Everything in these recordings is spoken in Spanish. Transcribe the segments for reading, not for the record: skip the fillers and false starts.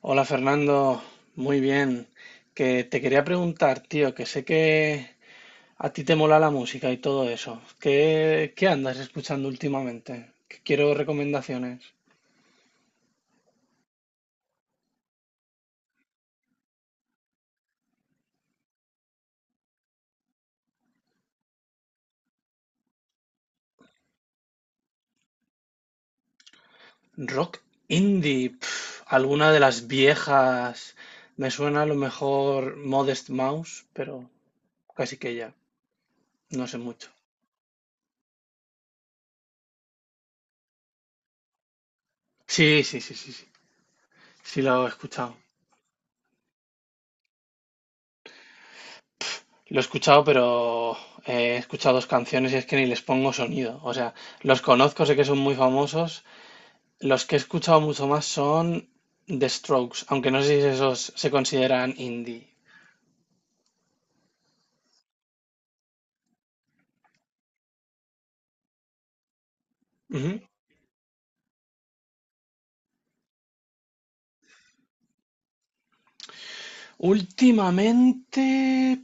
Hola Fernando, muy bien. Que te quería preguntar, tío, que sé que a ti te mola la música y todo eso. ¿Qué andas escuchando últimamente? Que quiero recomendaciones. Rock indie, pf, alguna de las viejas. Me suena a lo mejor Modest Mouse, pero casi que ya, no sé mucho. Sí, sí, sí, sí, sí, sí lo he escuchado. Lo he escuchado, pero he escuchado dos canciones y es que ni les pongo sonido. O sea, los conozco, sé que son muy famosos. Los que he escuchado mucho más son The Strokes, aunque no sé si esos se consideran indie. Ujú. Últimamente,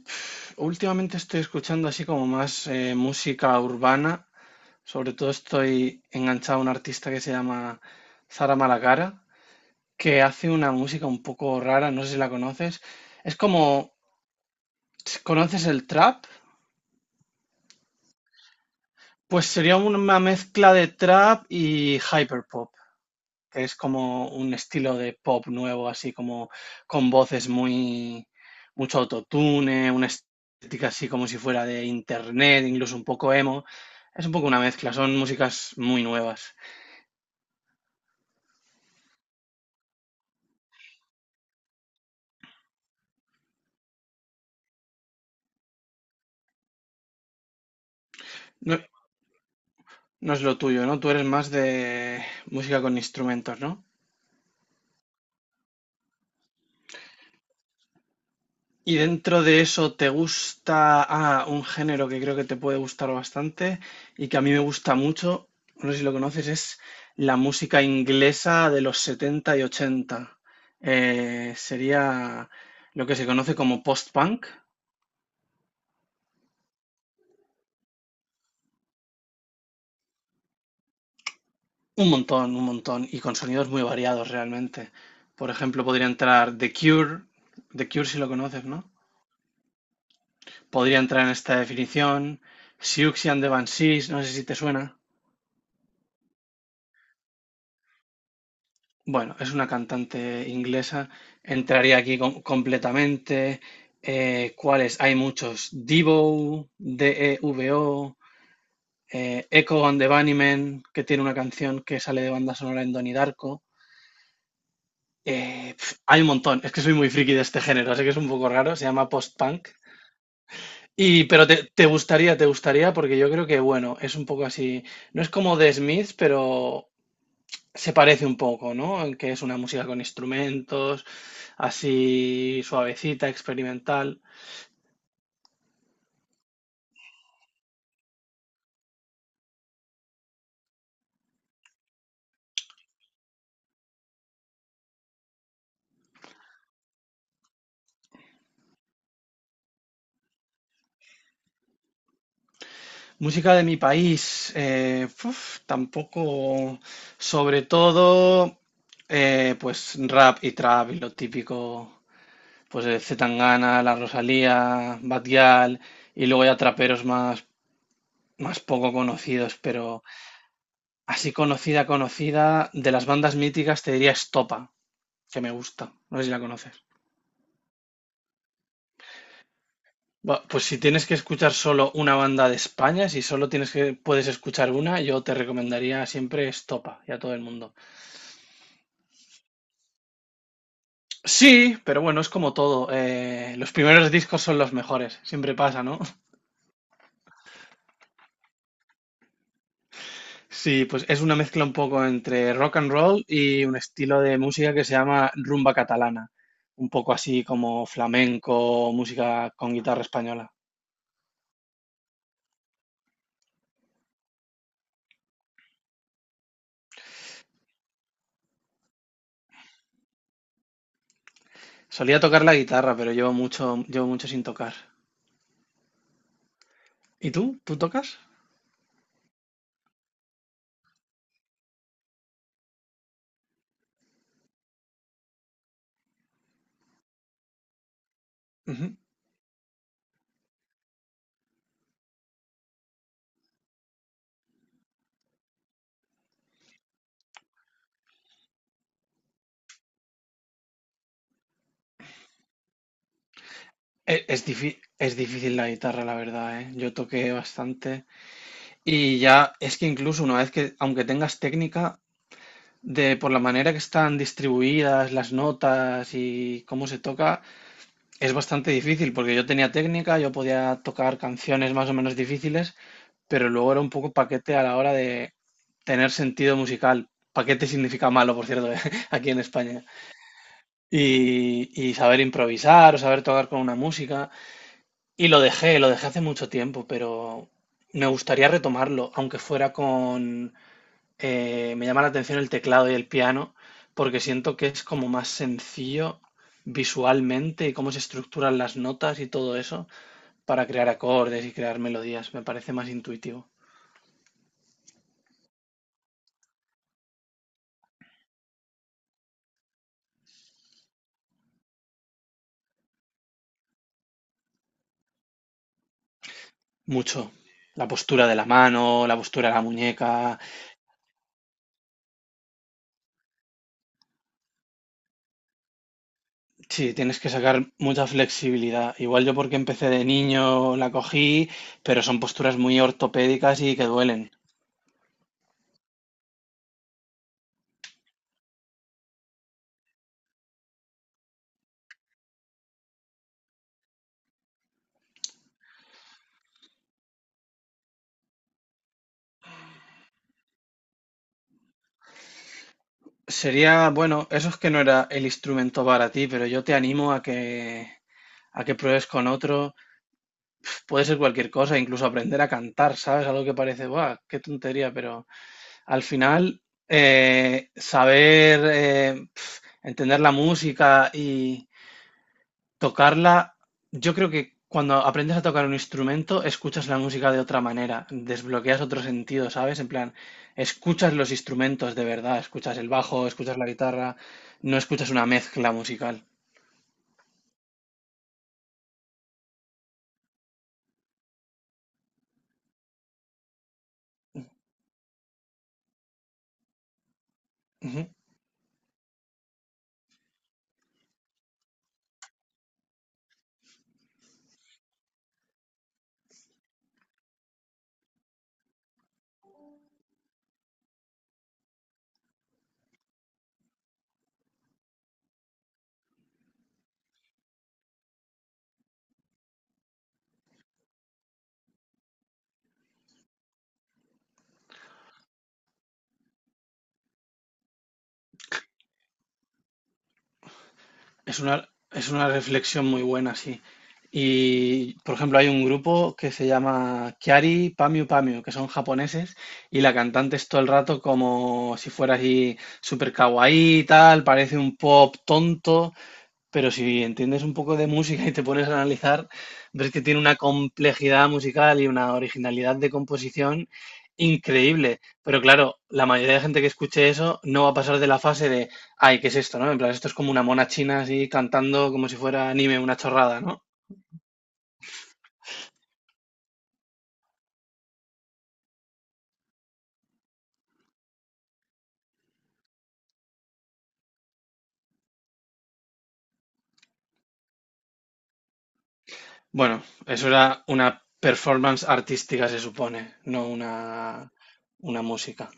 pf, últimamente estoy escuchando así como más música urbana. Sobre todo estoy enganchado a un artista que se llama Sara Malacara, que hace una música un poco rara, no sé si la conoces. Es como, ¿conoces el trap? Pues sería una mezcla de trap y hyperpop, que es como un estilo de pop nuevo, así como con voces muy, mucho autotune, una estética así como si fuera de internet, incluso un poco emo. Es un poco una mezcla, son músicas muy nuevas. No, no es lo tuyo, ¿no? Tú eres más de música con instrumentos, ¿no? Y dentro de eso, ¿te gusta ah, un género que creo que te puede gustar bastante y que a mí me gusta mucho? No sé si lo conoces, es la música inglesa de los 70 y 80. Sería lo que se conoce como post-punk. Un montón, y con sonidos muy variados realmente. Por ejemplo, podría entrar The Cure, The Cure si lo conoces, ¿no? Podría entrar en esta definición, Siouxsie and the Banshees, no sé si te suena. Bueno, es una cantante inglesa. Entraría aquí completamente. ¿Cuáles? Hay muchos. Devo, D-E-V-O, Echo and the Bunnymen, que tiene una canción que sale de banda sonora en Donnie Darko. Pf, hay un montón. Es que soy muy friki de este género, así que es un poco raro. Se llama post-punk. Pero te gustaría, porque yo creo que, bueno, es un poco así. No es como The Smith, pero se parece un poco, ¿no? En que es una música con instrumentos así suavecita, experimental. Música de mi país, uf, tampoco, sobre todo, pues rap y trap y lo típico, pues de C. Tangana, La Rosalía, Bad y luego ya traperos más, más poco conocidos, pero así conocida, conocida, de las bandas míticas te diría Estopa, que me gusta, no sé si la conoces. Va, pues si tienes que escuchar solo una banda de España, si solo tienes que puedes escuchar una, yo te recomendaría siempre Estopa y a todo el mundo. Sí, pero bueno, es como todo. Los primeros discos son los mejores, siempre pasa, ¿no? Sí, pues es una mezcla un poco entre rock and roll y un estilo de música que se llama rumba catalana, un poco así como flamenco, música con guitarra española. Solía tocar la guitarra, pero llevo mucho sin tocar. ¿Y tú? ¿Tú tocas? Es difícil la guitarra, la verdad, ¿eh? Yo toqué bastante y ya es que incluso una vez que, aunque tengas técnica, de por la manera que están distribuidas las notas y cómo se toca, es bastante difícil porque yo tenía técnica, yo podía tocar canciones más o menos difíciles, pero luego era un poco paquete a la hora de tener sentido musical. Paquete significa malo, por cierto, aquí en España. Y saber improvisar o saber tocar con una música. Y lo dejé hace mucho tiempo, pero me gustaría retomarlo, aunque fuera con... Me llama la atención el teclado y el piano, porque siento que es como más sencillo visualmente y cómo se estructuran las notas y todo eso para crear acordes y crear melodías. Me parece más intuitivo. Mucho. La postura de la mano, la postura de la muñeca. Sí, tienes que sacar mucha flexibilidad. Igual yo porque empecé de niño la cogí, pero son posturas muy ortopédicas y que duelen. Sería, bueno, eso es que no era el instrumento para ti, pero yo te animo a a que pruebes con otro. Puede ser cualquier cosa, incluso aprender a cantar, ¿sabes? Algo que parece, ¡guau! ¡Qué tontería! Pero al final, saber eh, entender la música, tocarla, yo creo que cuando aprendes a tocar un instrumento, escuchas la música de otra manera, desbloqueas otro sentido, ¿sabes? En plan, escuchas los instrumentos de verdad, escuchas el bajo, escuchas la guitarra, no escuchas una mezcla musical. Ujú. Es una reflexión muy buena, sí. Y, por ejemplo, hay un grupo que se llama Kiari Pamio Pamio, que son japoneses, y la cantante es todo el rato como si fuera así super kawaii y tal, parece un pop tonto. Pero si entiendes un poco de música y te pones a analizar, ves que tiene una complejidad musical y una originalidad de composición increíble. Pero claro, la mayoría de gente que escuche eso no va a pasar de la fase de, ay, ¿qué es esto, no? En plan, esto es como una mona china así cantando como si fuera anime, una chorrada, ¿no? Bueno, eso era una performance artística, se supone, no una, una música.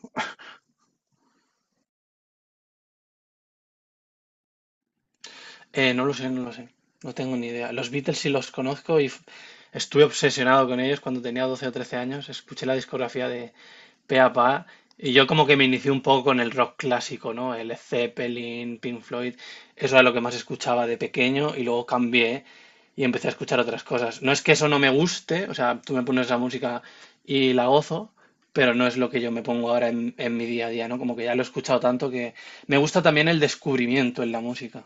No lo sé, no lo sé. No tengo ni idea. Los Beatles sí los conozco y estuve obsesionado con ellos cuando tenía 12 o 13 años. Escuché la discografía de pe a pa y yo como que me inicié un poco con el rock clásico, ¿no? El Zeppelin, Pink Floyd. Eso era lo que más escuchaba de pequeño y luego cambié y empecé a escuchar otras cosas. No es que eso no me guste, o sea, tú me pones la música y la gozo, pero no es lo que yo me pongo ahora en mi día a día, ¿no? Como que ya lo he escuchado tanto que me gusta también el descubrimiento en la música.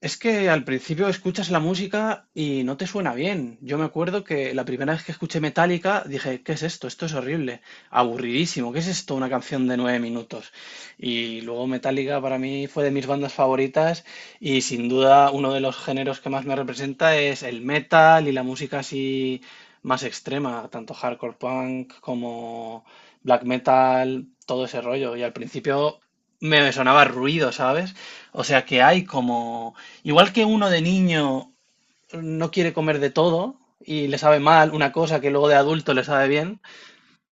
Es que al principio escuchas la música y no te suena bien. Yo me acuerdo que la primera vez que escuché Metallica dije, ¿qué es esto? Esto es horrible, aburridísimo, ¿qué es esto? Una canción de 9 minutos. Y luego Metallica para mí fue de mis bandas favoritas y sin duda uno de los géneros que más me representa es el metal y la música así más extrema, tanto hardcore punk como black metal, todo ese rollo. Y al principio me sonaba ruido, ¿sabes? O sea que hay como, igual que uno de niño no quiere comer de todo y le sabe mal una cosa que luego de adulto le sabe bien,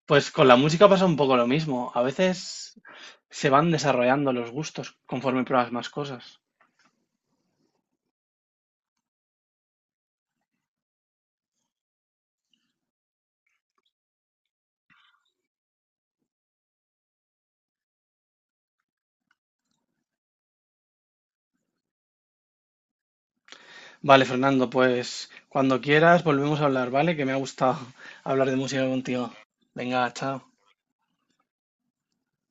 pues con la música pasa un poco lo mismo. A veces se van desarrollando los gustos conforme pruebas más cosas. Vale, Fernando, pues cuando quieras volvemos a hablar, ¿vale? Que me ha gustado hablar de música contigo. Venga, chao.